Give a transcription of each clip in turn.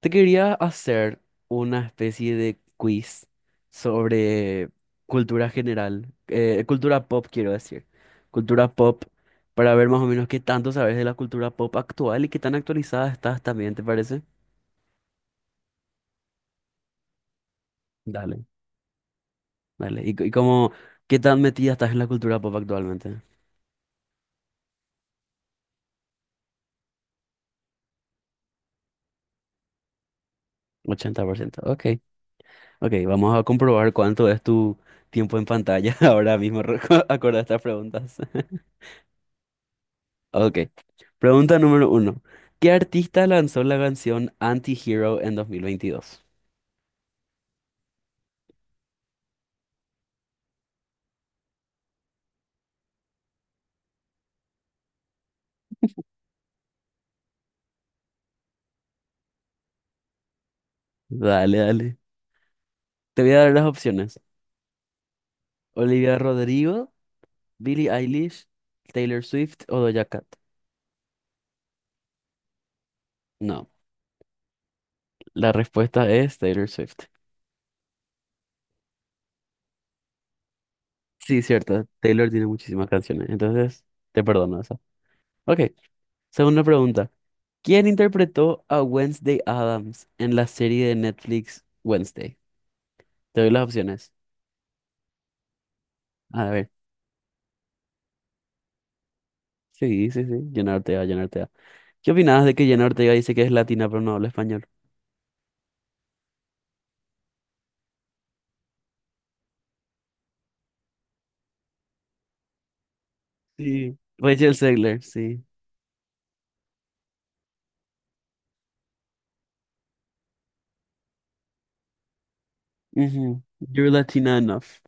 Te quería hacer una especie de quiz sobre cultura general, cultura pop quiero decir, cultura pop, para ver más o menos qué tanto sabes de la cultura pop actual y qué tan actualizada estás también, ¿te parece? Dale. Dale, y, c- y cómo ¿Qué tan metida estás en la cultura pop actualmente? 80%. Ok. Ok, vamos a comprobar cuánto es tu tiempo en pantalla ahora mismo, acorde a estas preguntas. Ok. Pregunta número uno. ¿Qué artista lanzó la canción Anti-Hero en 2022? Dale, dale. Te voy a dar las opciones. Olivia Rodrigo, Billie Eilish, Taylor Swift o Doja Cat. No, la respuesta es Taylor Swift. Sí, cierto. Taylor tiene muchísimas canciones, entonces te perdono eso. Ok, segunda pregunta. ¿Quién interpretó a Wednesday Adams en la serie de Netflix Wednesday? Te doy las opciones. A ver. Sí, sí, sí. Llenarte A, llenarte ¿Qué opinabas de que Jenna Ortega dice que es latina pero no habla español? Sí, Rachel Zegler, sí. Ujú. You're Latina enough.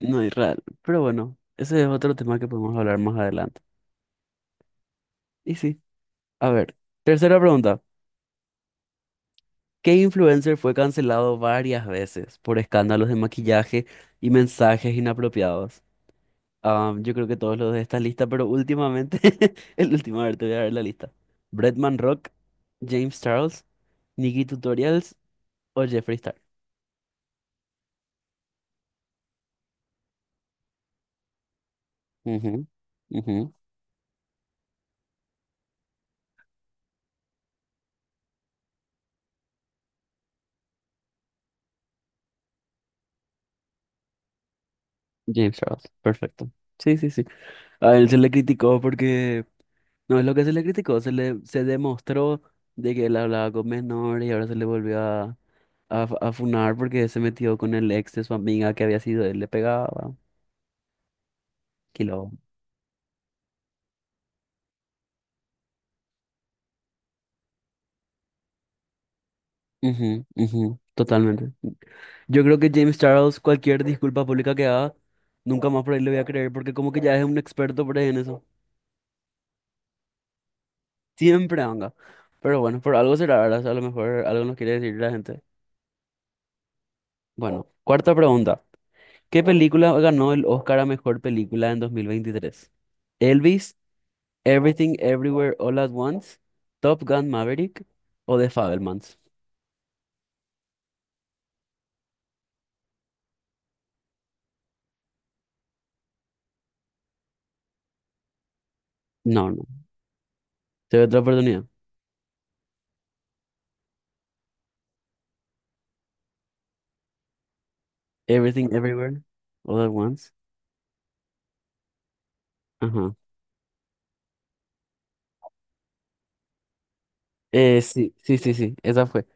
No es real. Pero bueno, ese es otro tema que podemos hablar más adelante. Y sí. A ver, tercera pregunta. ¿Qué influencer fue cancelado varias veces por escándalos de maquillaje y mensajes inapropiados? Ah, yo creo que todos los de esta lista, pero últimamente, el último, a ver, te voy a dar la lista. Bretman Rock, James Charles, Nikki Tutorials o Jeffree Star. Ujú, ujú. James Charles, perfecto. Sí, sí, sí. A él se le criticó porque, no es lo que se le criticó, se le se demostró de que él hablaba con menores y ahora se le volvió a, funar porque se metió con el ex de su amiga que había sido, él le pegaba. Quilombo. Ujú, ujú, totalmente. Yo creo que James Charles, cualquier disculpa pública que haga, nunca más por ahí le voy a creer porque como que ya es un experto por ahí en eso. Siempre anga. Pero bueno, por algo será, ¿verdad? O sea, a lo mejor algo nos quiere decir la gente. Bueno, cuarta pregunta. ¿Qué película ganó el Oscar a mejor película en 2023? Elvis, Everything Everywhere All at Once, Top Gun Maverick o The Fabelmans. No, no. Te doy otra oportunidad. Everything Everywhere All at Once. Ajá. Sí, sí, sí, sí. Esa fue.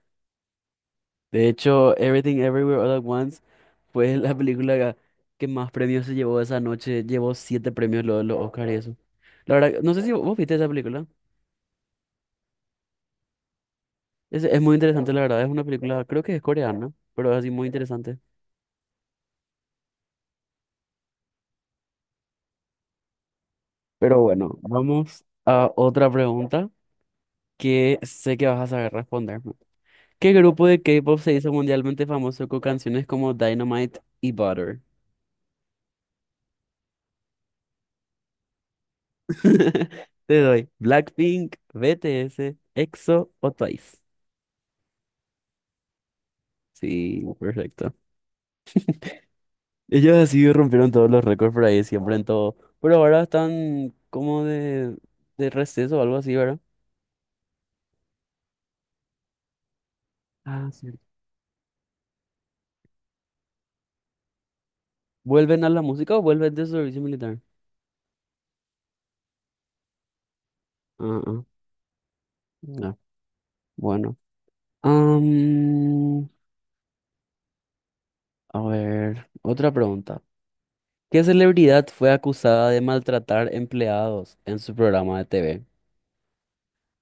De hecho, Everything Everywhere All at Once fue la que más premios se llevó esa noche. Llevó siete premios los Oscar y eso. La verdad, no sé si vos viste esa película. Es muy interesante, la verdad. Es una película, creo que es coreana, pero es así muy interesante. Pero bueno, vamos a otra pregunta que sé que vas a saber responderme. ¿Qué grupo de K-pop se hizo mundialmente famoso con canciones como Dynamite y Butter? Te doy Blackpink, BTS, EXO o Twice. Sí, perfecto. Ellos así rompieron todos los récords por ahí, siempre en todo. Pero ahora están como de receso o algo así, ¿verdad? Ah, sí. ¿Vuelven a la música o vuelven de servicio militar? Ah, ah, ya, bueno. Am, a ver, otra pregunta. ¿Qué celebridad fue acusada de maltratar empleados en su programa de TV?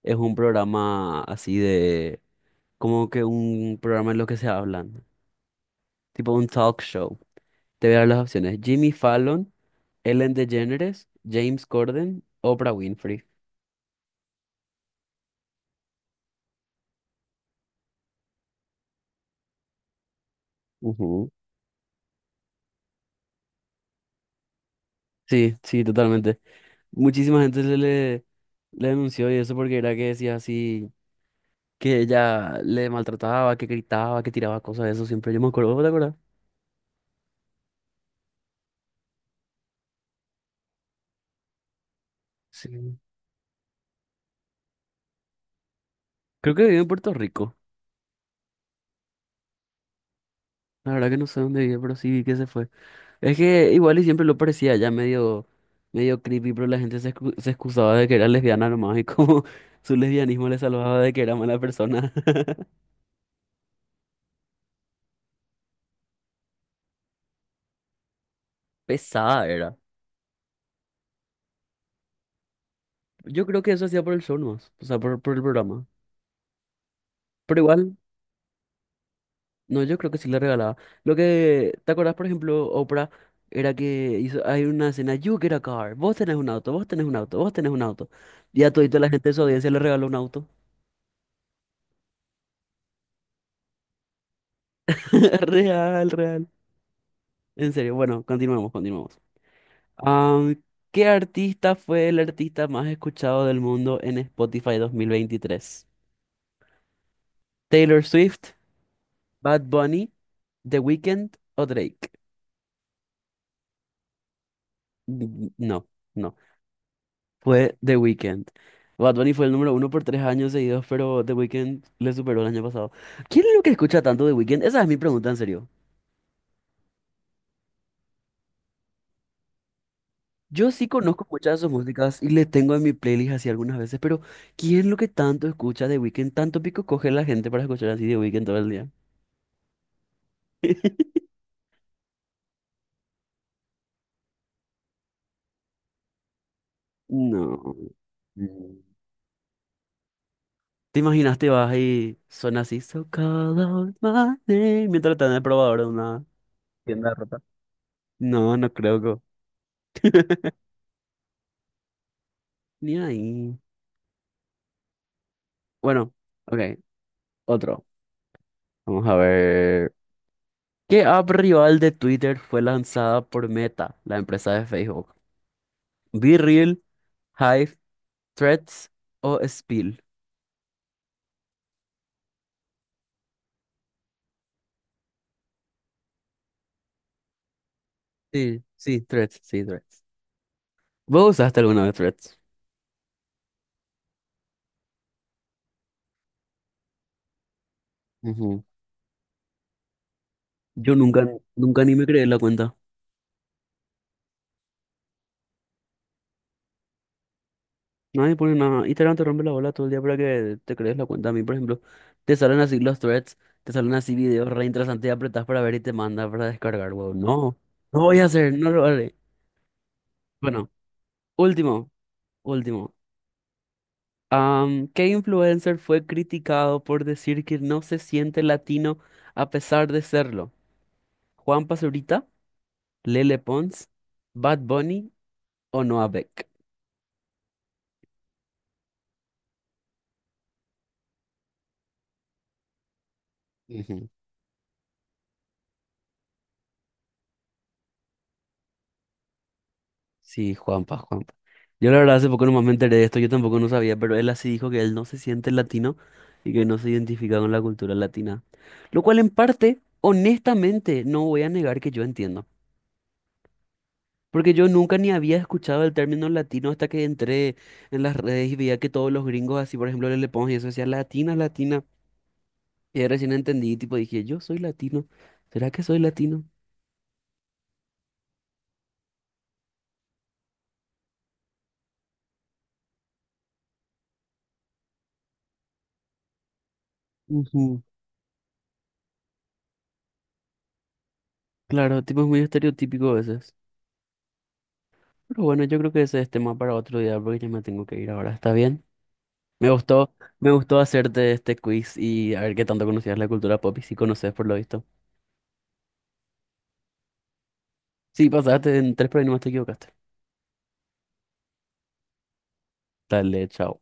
Es un programa así de, como que un programa en lo que se hablan. Tipo un talk show. Te voy a dar las opciones. Jimmy Fallon, Ellen DeGeneres, James Corden, Oprah Winfrey. Ujú. Sí, sí, totalmente. Muchísima gente le denunció y eso porque era que decía así, que ella le maltrataba, que gritaba, que tiraba cosas de eso siempre. Yo me acuerdo, ¿vos ¿te acuerdas? Sí. Creo que vivió en Puerto Rico. La verdad que no sé dónde vive, pero sí vi que se fue. Es que igual y siempre lo parecía ya medio, medio creepy, pero la gente se excusaba de que era lesbiana nomás y como su lesbianismo le salvaba de que era mala persona. Pesada era. Yo creo que eso hacía por el show nomás, o sea, por el programa. Pero igual. No, yo creo que sí le regalaba. Lo que, ¿te acordás, por ejemplo, Oprah era que hizo, hay una escena, You get a car, vos tenés un auto, vos tenés un auto, vos tenés un auto. Y a todita la gente de su audiencia le regaló un auto. Real, real. En serio, bueno, continuemos, continuemos. Am, ¿Qué artista fue el artista más escuchado del mundo en Spotify 2023? ¿Taylor Swift, Bad Bunny, The Weeknd o Drake? No, no fue The Weeknd. Bad Bunny fue el número uno por 3 años seguidos, pero The Weeknd le superó el año pasado. ¿Quién es lo que escucha tanto The Weeknd? Esa es mi pregunta, en serio. Yo sí conozco muchas de sus músicas y le tengo en mi playlist así algunas veces, pero ¿quién es lo que tanto escucha The Weeknd? Tanto pico coge la gente para escuchar así The Weeknd todo el día. No. Mm. ¿Te imaginas te vas y suena así, so call out my name, mientras estás en el probador de una tienda de ropa? No, no creo que. Ni ahí. Bueno, ok, otro. Vamos a ver. ¿Qué app rival de Twitter fue lanzada por Meta, la empresa de Facebook? ¿BeReal, Hive, Threads o Spill? Sí, sí, Threads, sí, Threads. ¿Vos usaste alguna vez Threads? Ujú. Yo nunca, nunca ni me creé la cuenta. Nadie pone nada. Instagram te rompe la bola todo el día para que te crees la cuenta. A mí, por ejemplo, te salen así los threads, te salen así videos re interesantes y apretás para ver y te manda para descargar, huevón. No, no voy a hacer, no lo haré. Bueno, último. Último. ¿Qué influencer fue criticado por decir que no se siente latino a pesar de serlo? ¿Juan Pazurita, Lele Pons, Bad Bunny o Noah Beck? Ujú. Sí, Juanpa, Juanpa. Yo la verdad hace poco nomás me enteré de esto, yo tampoco no sabía, pero él así dijo que él no se siente latino y que no se identifica con la cultura latina. Lo cual en parte, honestamente, no voy a negar que yo entiendo. Porque yo nunca ni había escuchado el término latino hasta que entré en las redes y veía que todos los gringos, así por ejemplo, le Pons y eso decía latina, latina. Y ahí recién entendí, tipo, dije, yo soy latino. ¿Será que soy latino? Ujú. Claro, tipo, es muy estereotípico a veces. Pero bueno, yo creo que ese es tema para otro día porque ya me tengo que ir ahora. ¿Está bien? Me gustó, me gustó hacerte este quiz y a ver qué tanto conocías la cultura pop y si conoces por lo visto. Sí, pasaste en tres, pero ahí nomás te equivocaste. Dale, chao.